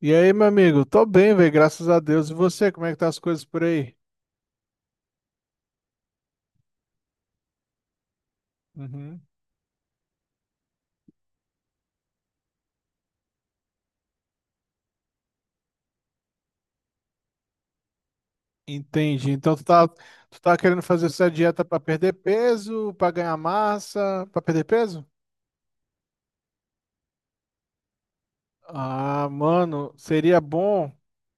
E aí, meu amigo? Tô bem, velho, graças a Deus. E você, como é que tá as coisas por aí? Uhum. Entendi. Então, tu tá querendo fazer essa dieta pra perder peso, pra ganhar massa, pra perder peso? Ah, mano, seria bom,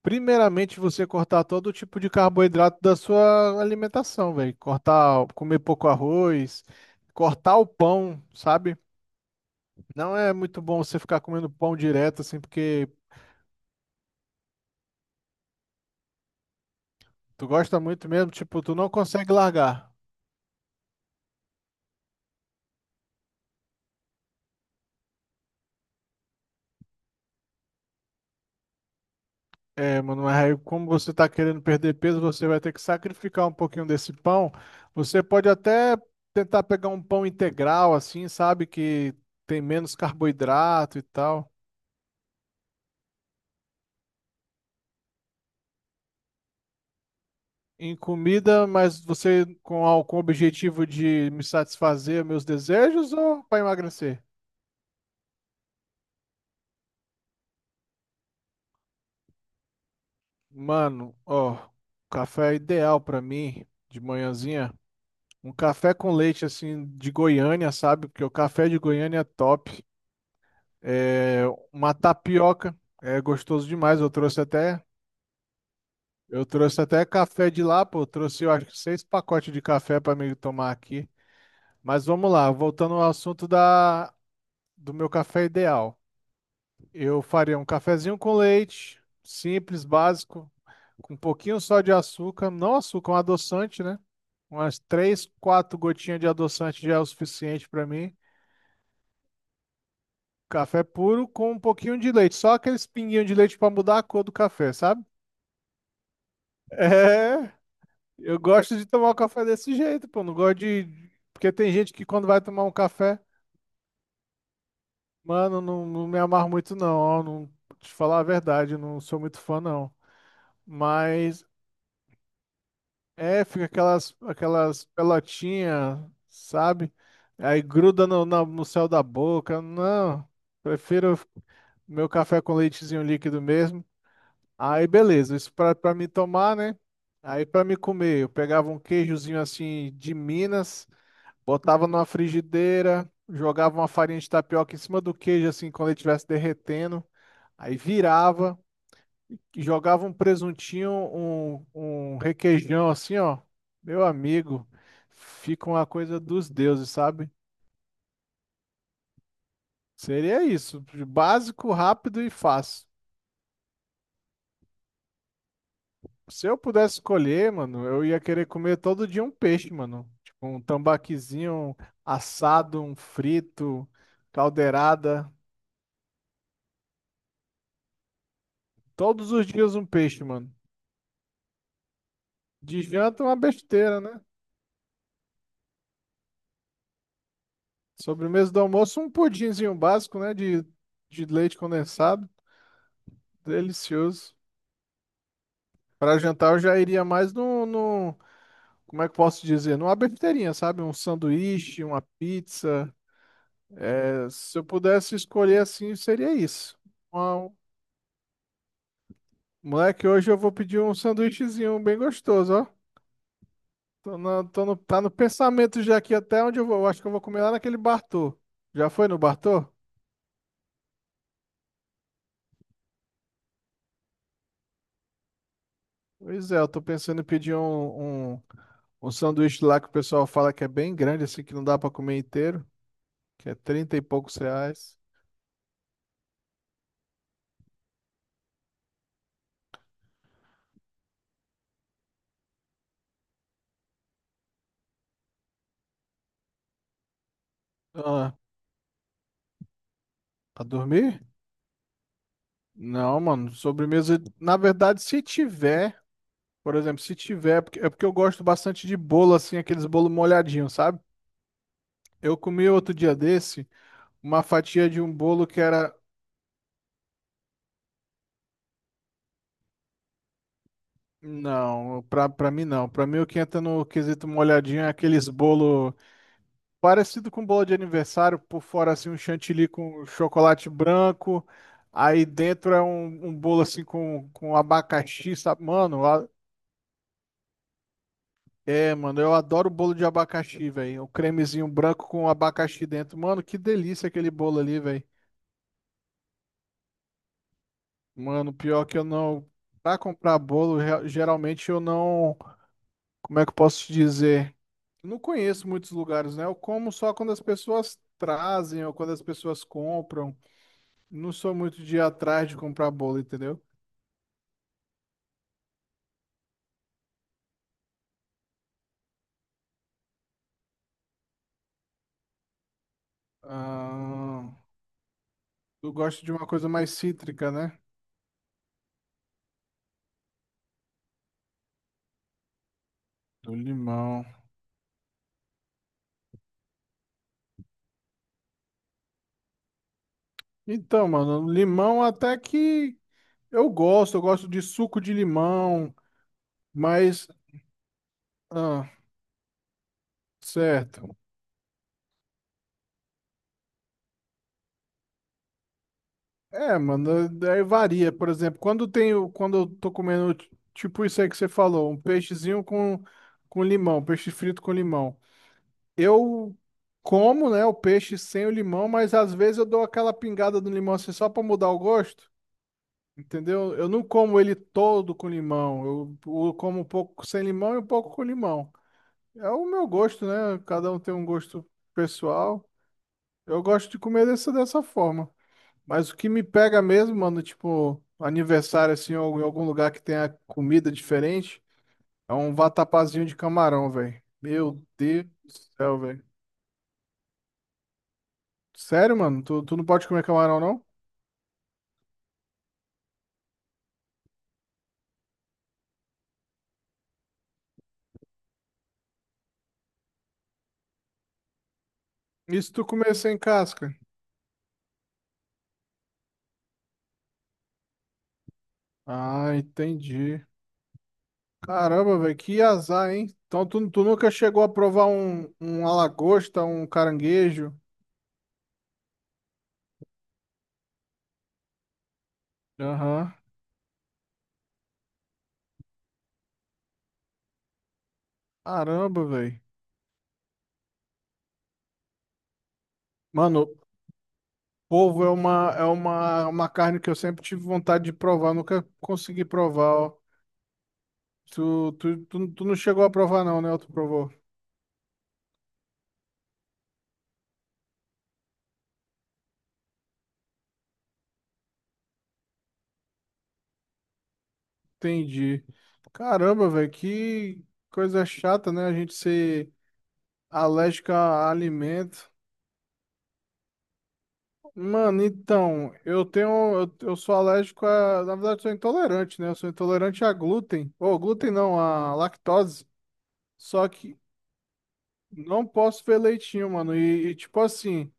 primeiramente, você cortar todo tipo de carboidrato da sua alimentação, velho. Cortar, comer pouco arroz, cortar o pão, sabe? Não é muito bom você ficar comendo pão direto, assim, porque tu gosta muito mesmo, tipo, tu não consegue largar. É, mano, mas aí como você tá querendo perder peso, você vai ter que sacrificar um pouquinho desse pão. Você pode até tentar pegar um pão integral, assim, sabe? Que tem menos carboidrato e tal. Em comida, mas você com o objetivo de me satisfazer meus desejos ou para emagrecer? Mano, ó, café é ideal para mim de manhãzinha. Um café com leite, assim, de Goiânia, sabe? Porque o café de Goiânia é top. É, uma tapioca. É gostoso demais. Eu trouxe até café de lá, pô. Eu acho que seis pacotes de café para mim tomar aqui. Mas vamos lá, voltando ao assunto do meu café ideal. Eu faria um cafezinho com leite, simples, básico, com um pouquinho só de açúcar, não açúcar, um adoçante, né? Umas três, quatro gotinhas de adoçante já é o suficiente para mim. Café puro com um pouquinho de leite, só aqueles pinguinhos de leite para mudar a cor do café, sabe? É, eu gosto de tomar o café desse jeito, pô. Não gosto de. Porque tem gente que quando vai tomar um café, mano, não, não me amarro muito, não. Ó, não, pra te falar a verdade, eu não sou muito fã, não. Mas é, fica aquelas pelotinhas, sabe? Aí gruda no céu da boca. Não, prefiro meu café com leitezinho líquido mesmo. Aí beleza, isso pra me tomar, né? Aí pra me comer, eu pegava um queijozinho assim de Minas. Botava numa frigideira, jogava uma farinha de tapioca em cima do queijo, assim, quando ele estivesse derretendo. Aí virava e jogava um presuntinho, um requeijão, assim, ó. Meu amigo, fica uma coisa dos deuses, sabe? Seria isso, básico, rápido e fácil. Se eu pudesse escolher, mano, eu ia querer comer todo dia um peixe, mano. Tipo, um tambaquizinho assado, um frito, caldeirada. Todos os dias um peixe, mano. De janta, uma besteira, né? Sobremesa do almoço, um pudinzinho básico, né? De leite condensado. Delicioso. Para jantar, eu já iria mais no. Como é que eu posso dizer? Numa besteirinha, sabe? Um sanduíche, uma pizza. É, se eu pudesse escolher assim, seria isso. Uma- Moleque, hoje eu vou pedir um sanduíchezinho bem gostoso, ó. Tô na- tô no, tá no pensamento já aqui até onde eu vou. Eu acho que eu vou comer lá naquele Bartô. Já foi no Bartô? Pois é, eu tô pensando em pedir um sanduíche lá que o pessoal fala que é bem grande, assim, que não dá pra comer inteiro, que é trinta e poucos reais. Ah, pra dormir? Não, mano, sobremesa. Na verdade, se tiver, por exemplo, se tiver, é porque eu gosto bastante de bolo, assim, aqueles bolo molhadinho, sabe? Eu comi outro dia desse uma fatia de um bolo que era. Não, pra mim não. Pra mim o que entra no quesito molhadinho é aqueles bolo. Parecido com bola de aniversário, por fora assim um chantilly com chocolate branco, aí dentro é um bolo assim com abacaxi, sabe? Mano, é, mano, eu adoro bolo de abacaxi, velho. O cremezinho branco com abacaxi dentro. Mano, que delícia aquele bolo ali, velho. Mano, pior que eu não. Pra comprar bolo, geralmente eu não. Como é que eu posso te dizer? Não conheço muitos lugares, né? Eu como só quando as pessoas trazem ou quando as pessoas compram. Não sou muito de ir atrás de comprar bolo, entendeu? Ah, eu gosto de uma coisa mais cítrica, né? Do limão. Então, mano, limão até que eu gosto de suco de limão, mas. Ah, certo. É, mano, daí varia. Por exemplo, quando eu tô comendo, tipo isso aí que você falou, um peixezinho com limão, peixe frito com limão. Eu como, né, o peixe sem o limão, mas às vezes eu dou aquela pingada do limão assim só para mudar o gosto, entendeu? Eu não como ele todo com limão. Eu como um pouco sem limão e um pouco com limão. É o meu gosto, né? Cada um tem um gosto pessoal. Eu gosto de comer dessa forma. Mas o que me pega mesmo, mano, tipo, aniversário assim, ou em algum lugar que tenha comida diferente, é um vatapazinho de camarão, velho. Meu Deus do céu, velho. Sério, mano? Tu não pode comer camarão, não? Isso tu comer sem casca? Ah, entendi. Caramba, velho, que azar, hein? Então tu nunca chegou a provar um lagosta, um caranguejo? Aham. Caramba, velho. Mano, polvo é uma carne que eu sempre tive vontade de provar, nunca consegui provar, ó. Tu não chegou a provar, não, né? Tu provou. Entendi. Caramba, velho, que coisa chata, né? A gente ser alérgico a alimento. Mano, então, eu tenho. Eu sou alérgico a. Na verdade, eu sou intolerante, né? Eu sou intolerante a glúten. Ou glúten não, a lactose. Só que não posso ver leitinho, mano. E, tipo assim,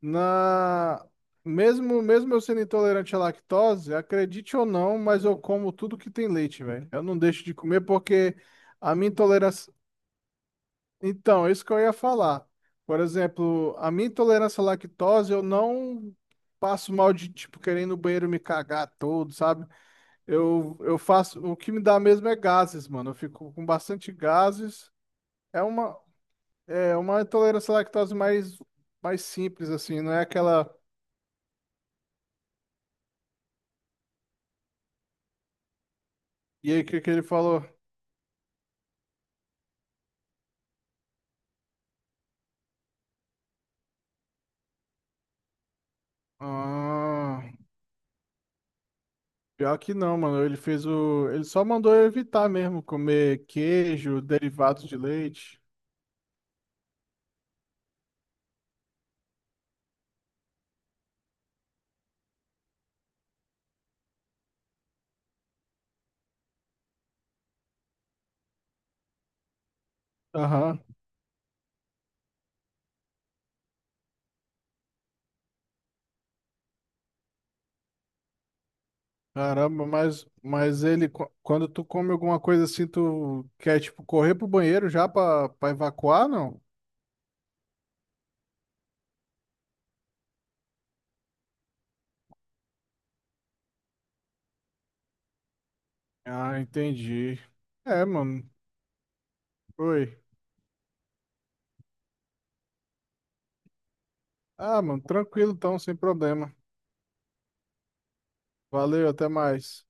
na. Mesmo eu sendo intolerante à lactose, acredite ou não, mas eu como tudo que tem leite, velho. Eu não deixo de comer porque a minha intolerância. Então, é isso que eu ia falar. Por exemplo, a minha intolerância à lactose, eu não passo mal de, tipo, querer ir no banheiro e me cagar todo, sabe? O que me dá mesmo é gases, mano. Eu fico com bastante gases. É uma, é uma intolerância à lactose mais simples, assim, não é aquela. E aí, o que que ele falou? Ah, pior que não, mano. Ele fez o. Ele só mandou eu evitar mesmo comer queijo, derivados de leite. Aham. Caramba, mas ele, quando tu come alguma coisa assim, tu quer, tipo, correr pro banheiro já pra evacuar, não? Ah, entendi. É, mano. Oi. Ah, mano, tranquilo então, sem problema. Valeu, até mais.